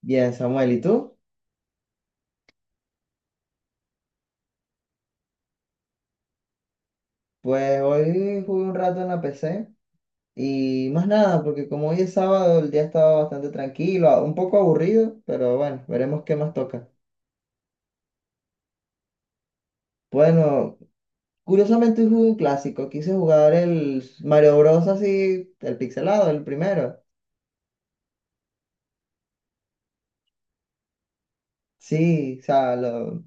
Bien, Samuel, ¿y tú? Pues hoy jugué un rato en la PC y más nada, porque como hoy es sábado, el día estaba bastante tranquilo, un poco aburrido, pero bueno, veremos qué más toca. Bueno, curiosamente hoy jugué un clásico, quise jugar el Mario Bros. Así, el pixelado, el primero. Sí, o sea, lo-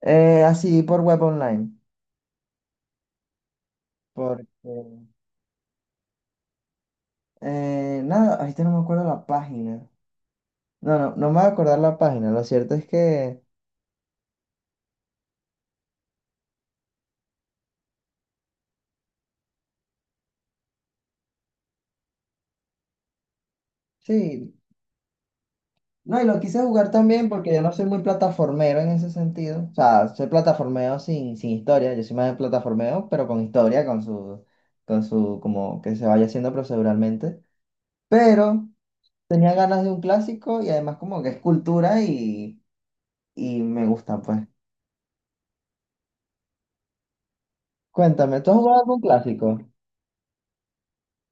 eh, así por web online. Porque, nada, ahorita no me acuerdo la página. No, no, no me voy a acordar la página, lo cierto es que... Sí. No, y lo quise jugar también porque yo no soy muy plataformero en ese sentido. O sea, soy plataformeo sin historia. Yo soy más de plataformeo, pero con historia, con su, como que se vaya haciendo proceduralmente. Pero tenía ganas de un clásico y además como que es cultura y me gusta, pues. Cuéntame, ¿tú has jugado algún clásico?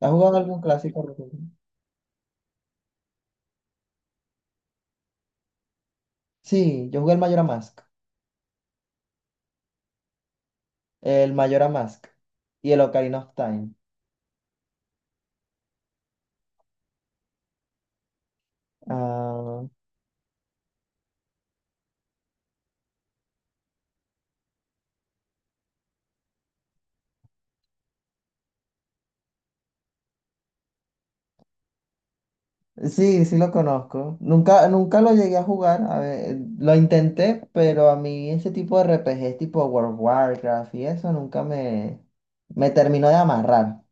¿Has jugado algún clásico reciente? Sí, yo jugué el Majora's Mask y el Ocarina of Time. Ah, sí, sí lo conozco. Nunca, nunca lo llegué a jugar. A ver, lo intenté, pero a mí ese tipo de RPG, tipo World of Warcraft y eso nunca me terminó de amarrar.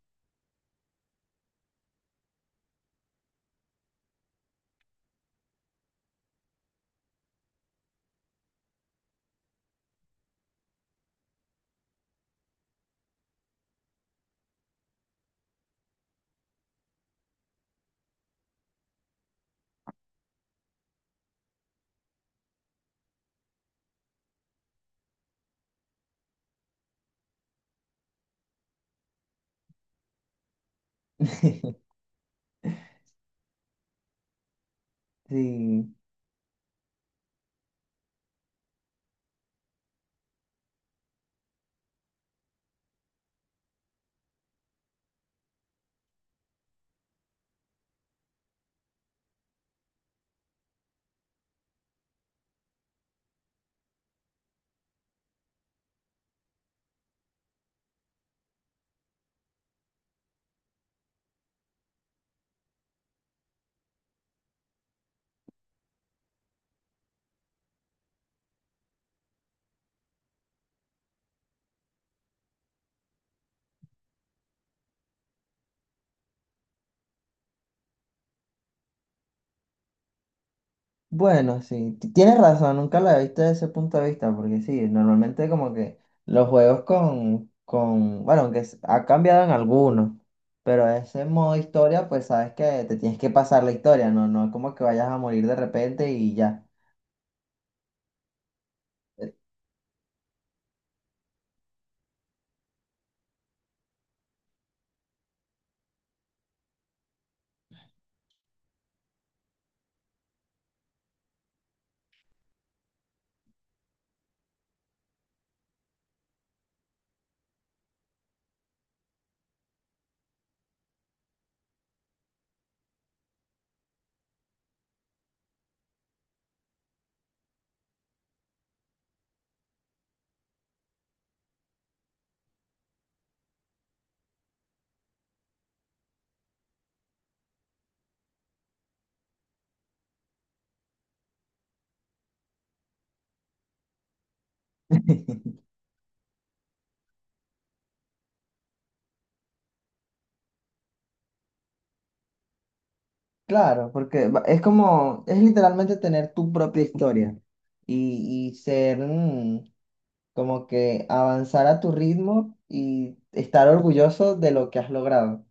Sí. Bueno, sí. Tienes razón, nunca la he visto desde ese punto de vista, porque sí, normalmente como que los juegos con, bueno, aunque ha cambiado en algunos, pero ese modo historia, pues sabes que te tienes que pasar la historia, no, no es como que vayas a morir de repente y ya. Claro, porque es como, es literalmente tener tu propia historia y ser como que avanzar a tu ritmo y estar orgulloso de lo que has logrado.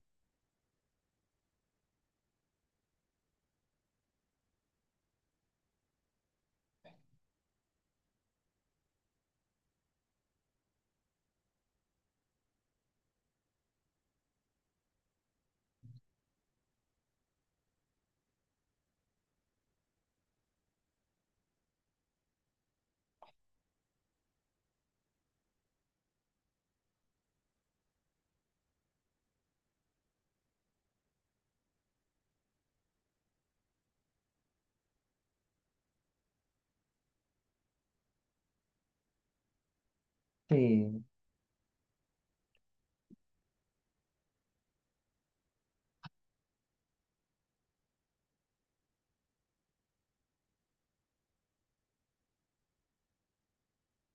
Sí,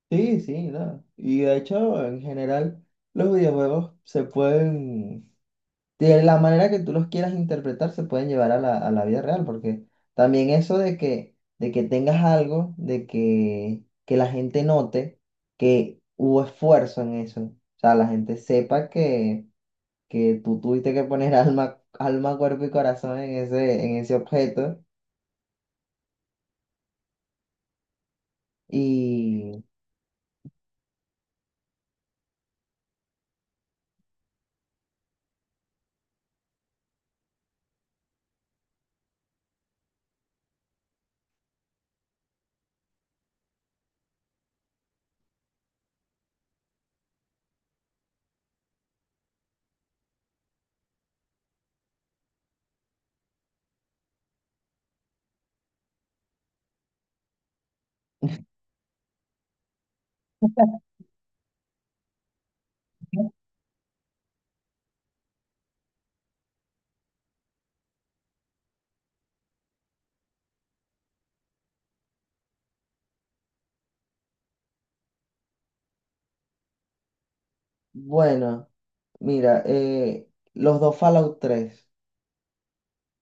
sí, sí, no. Y de hecho, en general, los videojuegos se pueden de la manera que tú los quieras interpretar se pueden llevar a la, vida real, porque también eso de que, tengas algo, que la gente note que hubo esfuerzo en eso, o sea, la gente sepa que tú tuviste que poner alma, cuerpo y corazón en ese objeto. Y bueno, mira, los dos Fallout tres.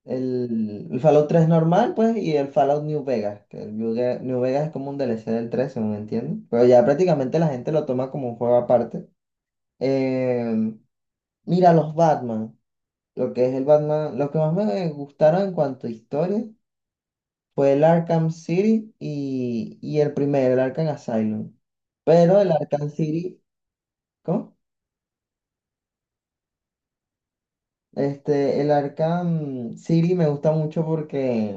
El Fallout 3 normal, pues, y el Fallout New Vegas, que el New Vegas es como un DLC del 3 según entiendo. Pero ya prácticamente la gente lo toma como un juego aparte. Eh, mira, los Batman, lo que es el Batman, lo que más me gustaron en cuanto a historia fue el Arkham City y el primero, el Arkham Asylum. Pero el Arkham City, ¿cómo? Este, el Arkham City me gusta mucho porque,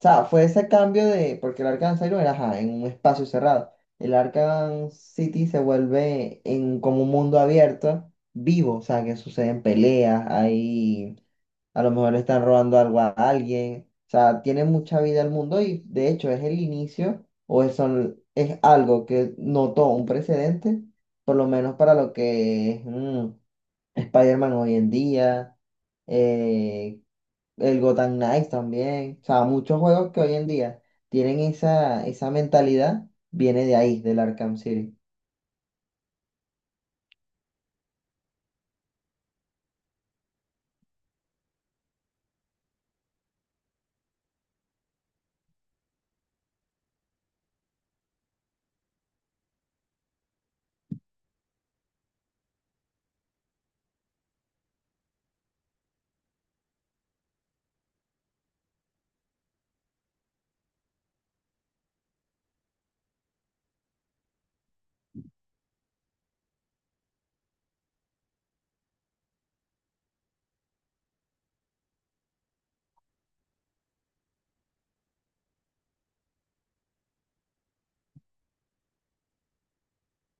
o sea, fue ese cambio de, porque el Arkham Asylum era ajá, en un espacio cerrado. El Arkham City se vuelve en como un mundo abierto, vivo, o sea, que suceden peleas, ahí a lo mejor le están robando algo a alguien, o sea, tiene mucha vida el mundo y de hecho es el inicio es algo que notó un precedente, por lo menos para lo que es Spider-Man hoy en día, eh, el Gotham Knights también. O sea, muchos juegos que hoy en día tienen esa mentalidad, viene de ahí, del Arkham City.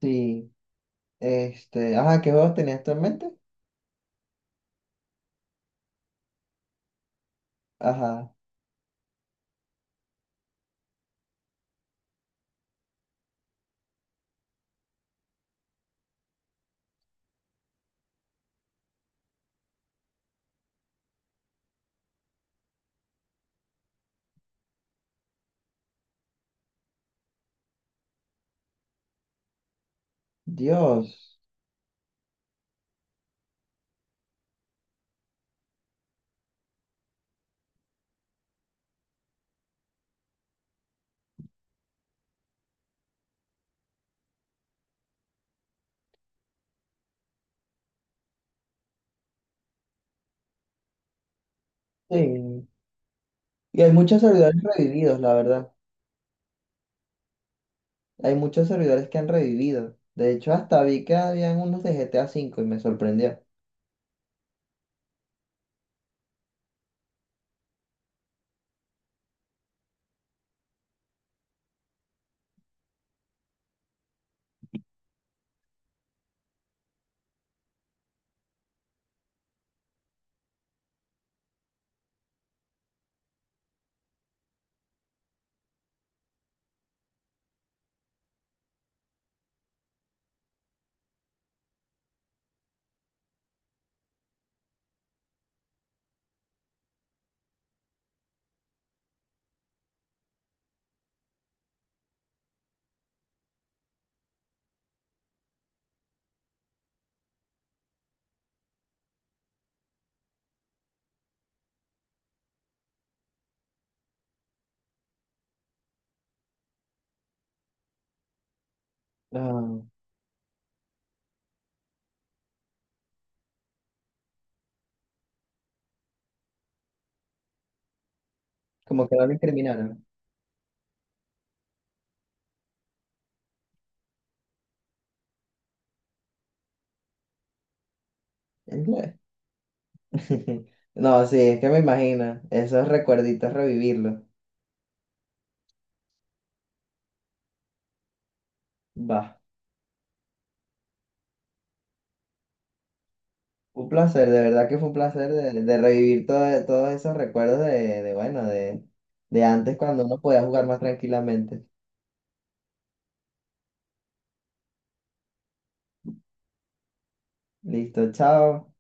Sí, este, ajá, ¿qué juegos tenías tú en mente? Ajá, Dios. Sí. Y hay muchos servidores revividos, la verdad. Hay muchos servidores que han revivido. De hecho, hasta vi que habían unos de GTA V y me sorprendió. Ah, como que no lo incriminaron. No, sí, es que me imagino. Esos recuerditos revivirlos. Va. Un placer, de verdad que fue un placer de revivir todos esos recuerdos de, bueno, de antes cuando uno podía jugar más tranquilamente. Listo, chao.